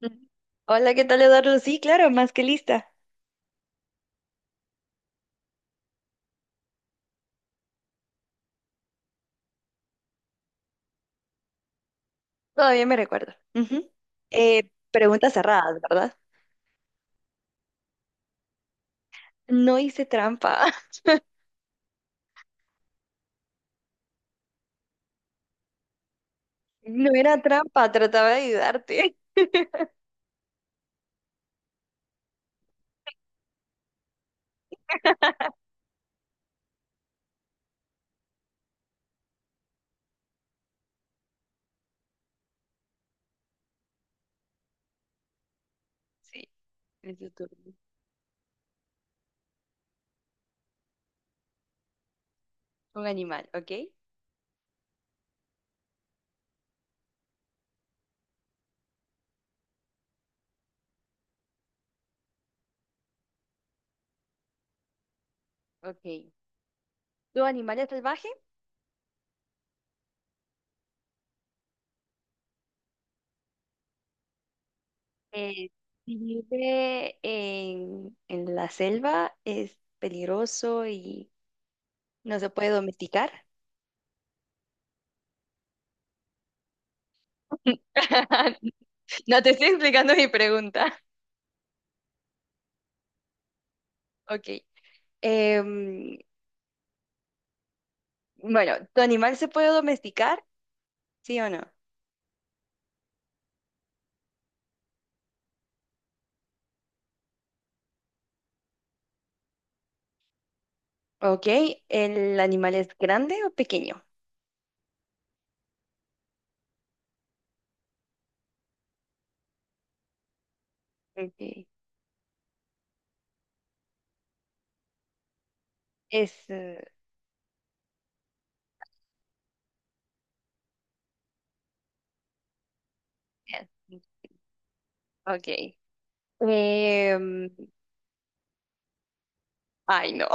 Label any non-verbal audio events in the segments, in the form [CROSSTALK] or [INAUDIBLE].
Ujú. Hola, ¿qué tal, Eduardo? Sí, claro, más que lista. Todavía me recuerdo. Ujú. Preguntas cerradas, ¿verdad? No hice trampa. [LAUGHS] No era trampa, trataba de ayudarte. [LAUGHS] Sí, es tu turno. Un animal, ¿ok? Ok. ¿Tu animal es salvaje? Eh, si vive en la selva, es peligroso y no se puede domesticar. [LAUGHS] No te estoy explicando mi pregunta. Ok. Em, Bueno, ¿tu animal se puede domesticar? ¿Sí o no? Ok, ¿el animal es grande o pequeño? Ok, es... eh, bien, ok. Em, ay, no.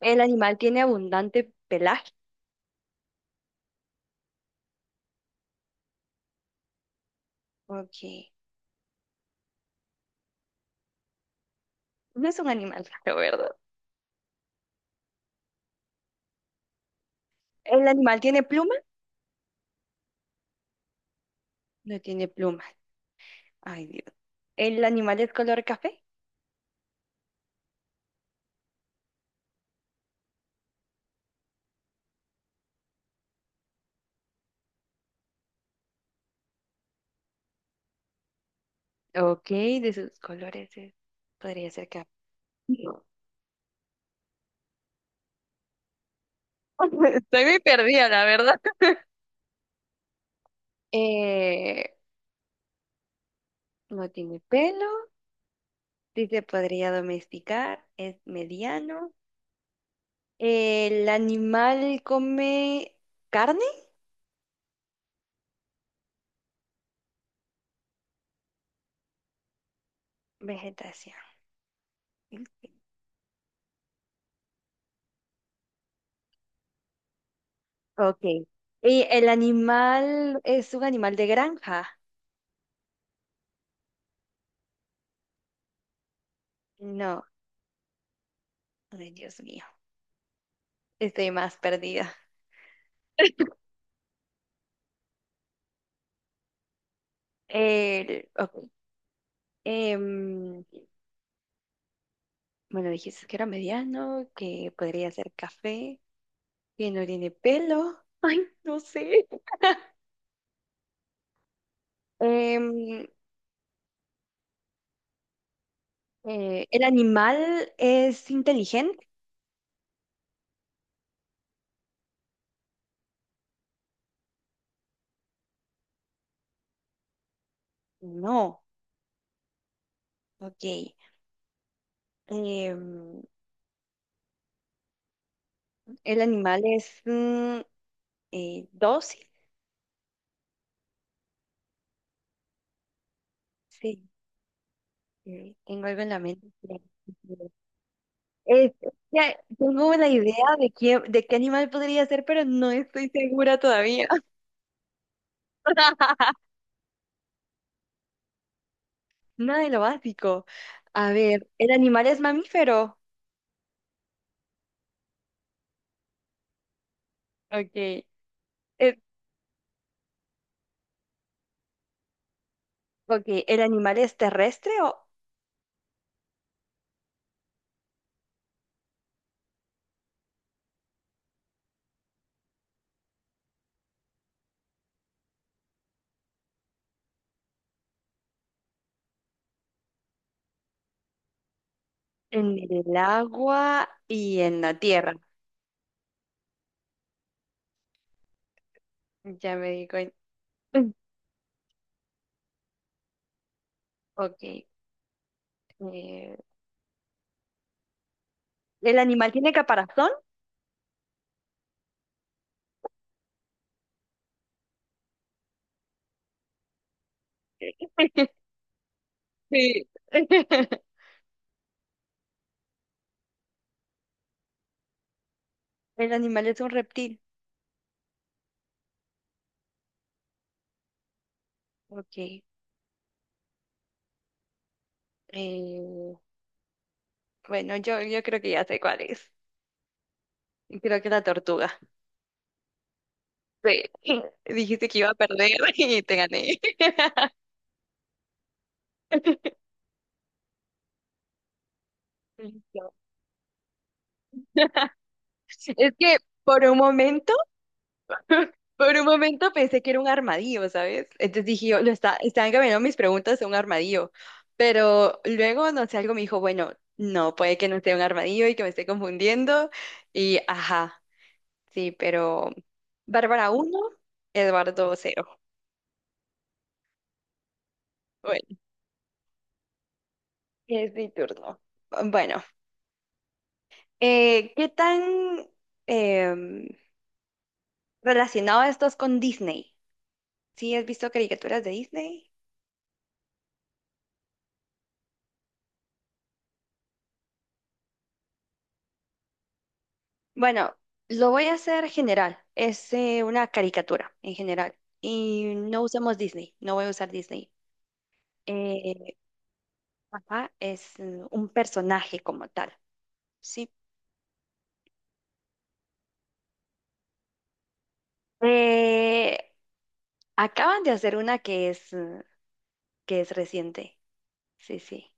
¿El animal tiene abundante pelaje? Ok. No es un animal raro, ¿verdad? ¿El animal tiene pluma? No tiene plumas. Ay, Dios. ¿El animal es color café? Ok, de sus colores es- podría ser café. No. [LAUGHS] Estoy muy perdida, la verdad. Eh, No tiene pelo, sí se podría domesticar, es mediano. ¿El animal come carne? Vegetación. Ok. ¿Y el animal es un animal de granja? No. Ay, Dios mío. Estoy más perdida. El, ok. Em, bueno, dijiste que era mediano, que podría ser café, que no tiene pelo. Ay, no sé. [LAUGHS] Em, ¿El animal es inteligente? No. Ok. Em, ¿El animal es dócil? Sí. Eh, tengo algo en la mente. Es- ya tengo la idea de de qué animal podría ser, pero no estoy segura todavía. [LAUGHS] Nada de lo básico. A ver, ¿el animal es mamífero? Ok. Ok, ¿el animal es terrestre o en el agua y en la tierra? Ya me di cuenta. [LAUGHS] Ok. eh, ¿El animal tiene caparazón? [LAUGHS] Sí. [LAUGHS] El animal es un reptil. Ok. eh, bueno, yo creo que ya sé cuál es. Creo que la tortuga. Sí. [LAUGHS] Dijiste que iba a perder [LAUGHS] y te gané. [LAUGHS] Listo. [LAUGHS] Es que por un momento. [LAUGHS] Por un momento pensé que era un armadillo, ¿sabes? Entonces dije yo, lo está, están cambiando mis preguntas a un armadillo. Pero luego, no sé, algo me dijo, bueno, no, puede que no sea un armadillo y que me esté confundiendo. Y ajá, sí, pero Bárbara uno, Eduardo cero. Bueno, es mi turno. Bueno, ¿qué tan em, relacionado estás con Disney? ¿Sí has visto caricaturas de Disney? Bueno, lo voy a hacer general. Es una caricatura en general. Y no usamos Disney. No voy a usar Disney. Eh, ajá, es un personaje como tal. Sí. Eh, Acaban de hacer una que es reciente. Sí, sí.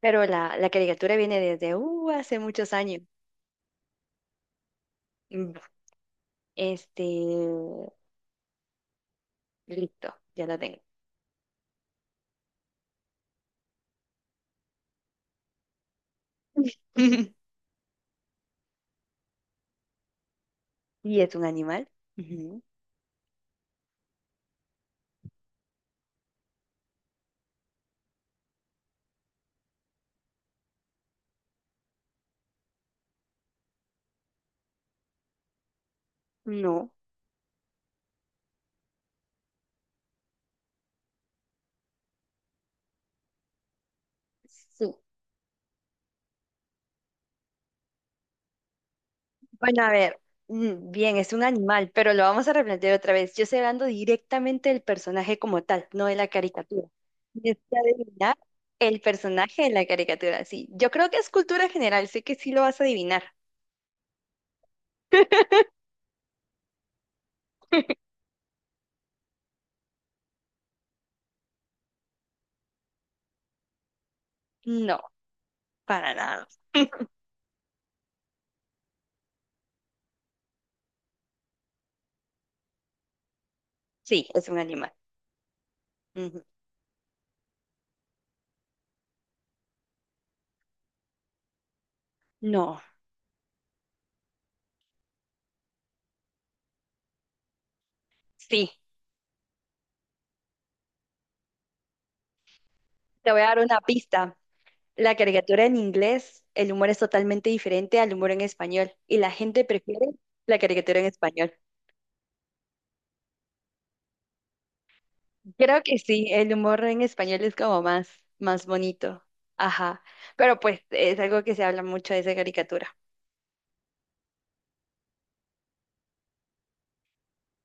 Pero la caricatura viene desde hace muchos años. Mm, Este, listo, ya la tengo. [LAUGHS] ¿Y es un animal? Ujú. No. Sí. Bueno, a ver, bien, es un animal, pero lo vamos a replantear otra vez. Yo estoy hablando directamente del personaje como tal, no de la caricatura. Tienes que adivinar el personaje de la caricatura, sí. Yo creo que es cultura general, sé que sí lo vas a adivinar. No, para nada. [LAUGHS] Sí, es un animal. Ujú. No, sí. Te voy a dar una pista. La caricatura en inglés, el humor es totalmente diferente al humor en español y la gente prefiere la caricatura en español. Creo que sí, el humor en español es como más bonito. Ajá. Pero pues es algo que se habla mucho de esa caricatura.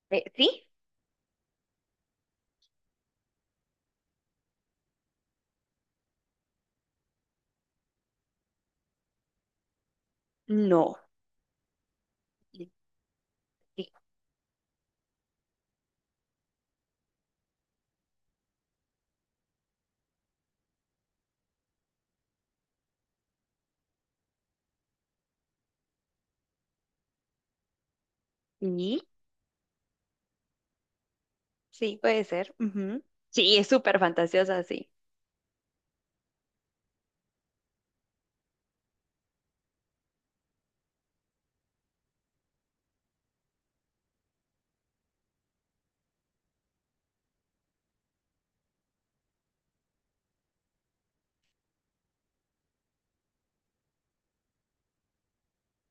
¿Sí? No. Sí. ¿Sí? Sí, puede ser. Ujú. Sí, es súper fantasiosa, sí.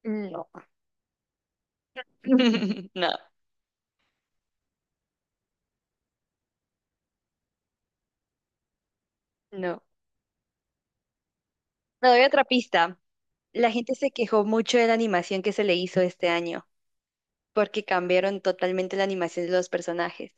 No. [LAUGHS] No, no. Me doy otra pista. La gente se quejó mucho de la animación que se le hizo este año, porque cambiaron totalmente la animación de los personajes.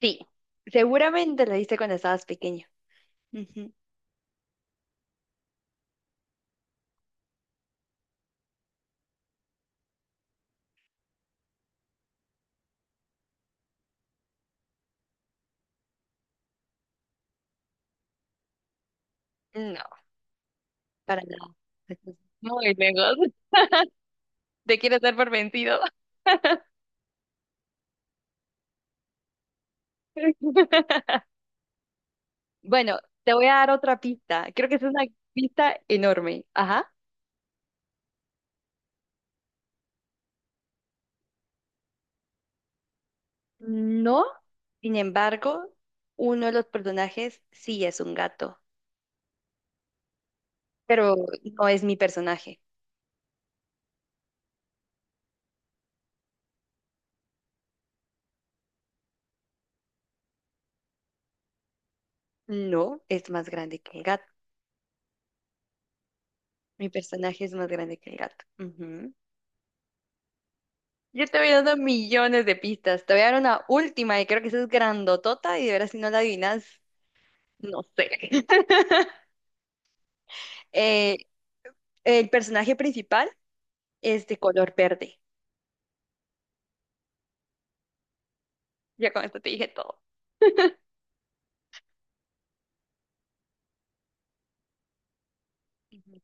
Sí, seguramente lo viste cuando estabas pequeño. Ujú. No, para nada. Muy lejos. [LAUGHS] Te quieres dar por vencido. [LAUGHS] Bueno, te voy a dar otra pista. Creo que es una pista enorme. Ajá. No, sin embargo, uno de los personajes sí es un gato, pero no es mi personaje. No, es más grande que el gato. Mi personaje es más grande que el gato. Ujú. Yo te voy dando millones de pistas. Te voy a dar una última y creo que esa es grandotota y de veras si no la adivinas, no sé. [LAUGHS] Eh, El personaje principal es de color verde. Ya con esto te dije todo. Ujú.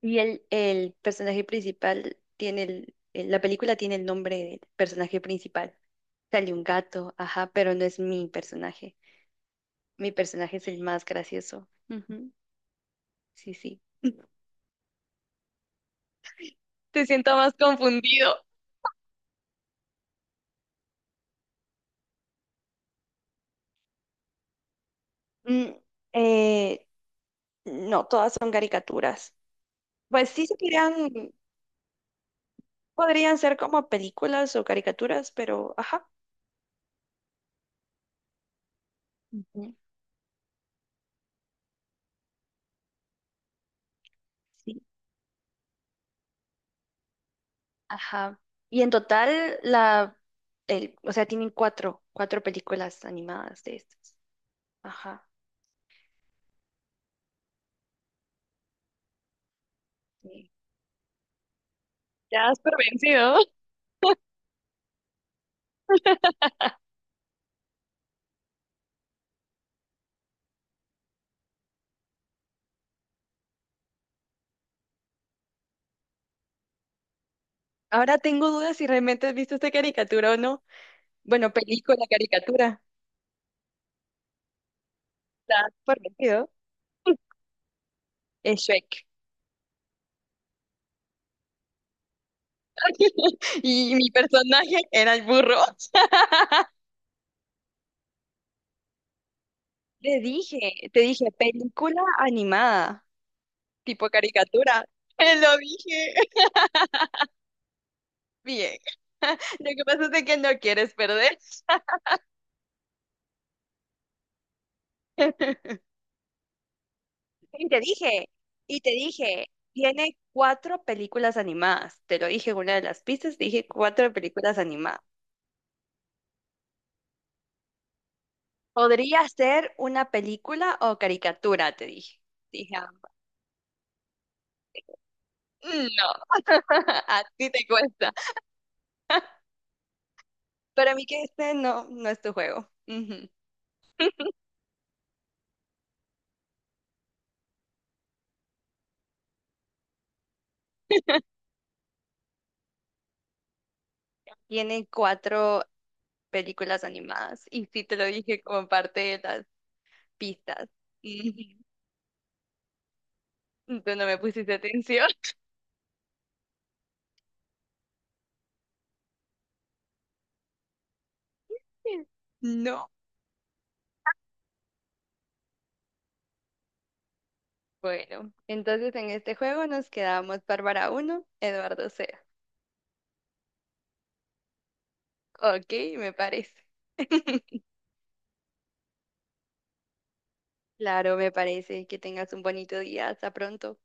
Y el personaje principal tiene el- la película tiene el nombre del personaje principal. Sale un gato, ajá, pero no es mi personaje. Mi personaje es el más gracioso. Ujú, sí, sí. [LAUGHS] Te siento más confundido. Mm, eh, no, todas son caricaturas. Pues sí podrían ser como películas o caricaturas, pero ajá. Ujú. Ajá. Y en total, la, el, o sea, tienen cuatro películas animadas de estas. Ajá. Sí. Ya has pervencido. Ahora tengo dudas si realmente has visto esta caricatura o no. Bueno, película, caricatura. Ya has pervencido. Es Shrek. [LAUGHS] Y mi personaje era el burro. [LAUGHS] Te dije, te dije, película animada tipo caricatura. [LAUGHS] Te lo dije. Bien. [LAUGHS] Lo que pasa es de que no quieres perder. [LAUGHS] Y te dije, y te dije, tiene cuatro películas animadas. Te lo dije en una de las pistas, dije cuatro películas animadas. Podría ser una película o caricatura, te dije. Dije, ah, no, [LAUGHS] a ti te cuesta. [LAUGHS] Para mí que este no, no es tu juego. Ujú. [LAUGHS] Tiene cuatro películas animadas y sí te lo dije como parte de las pistas. Ujú. Tú no me pusiste atención. [LAUGHS] No. Bueno, entonces en este juego nos quedamos Bárbara uno, Eduardo 0. Ok, me parece. [LAUGHS] Claro, me parece. Que tengas un bonito día. Hasta pronto.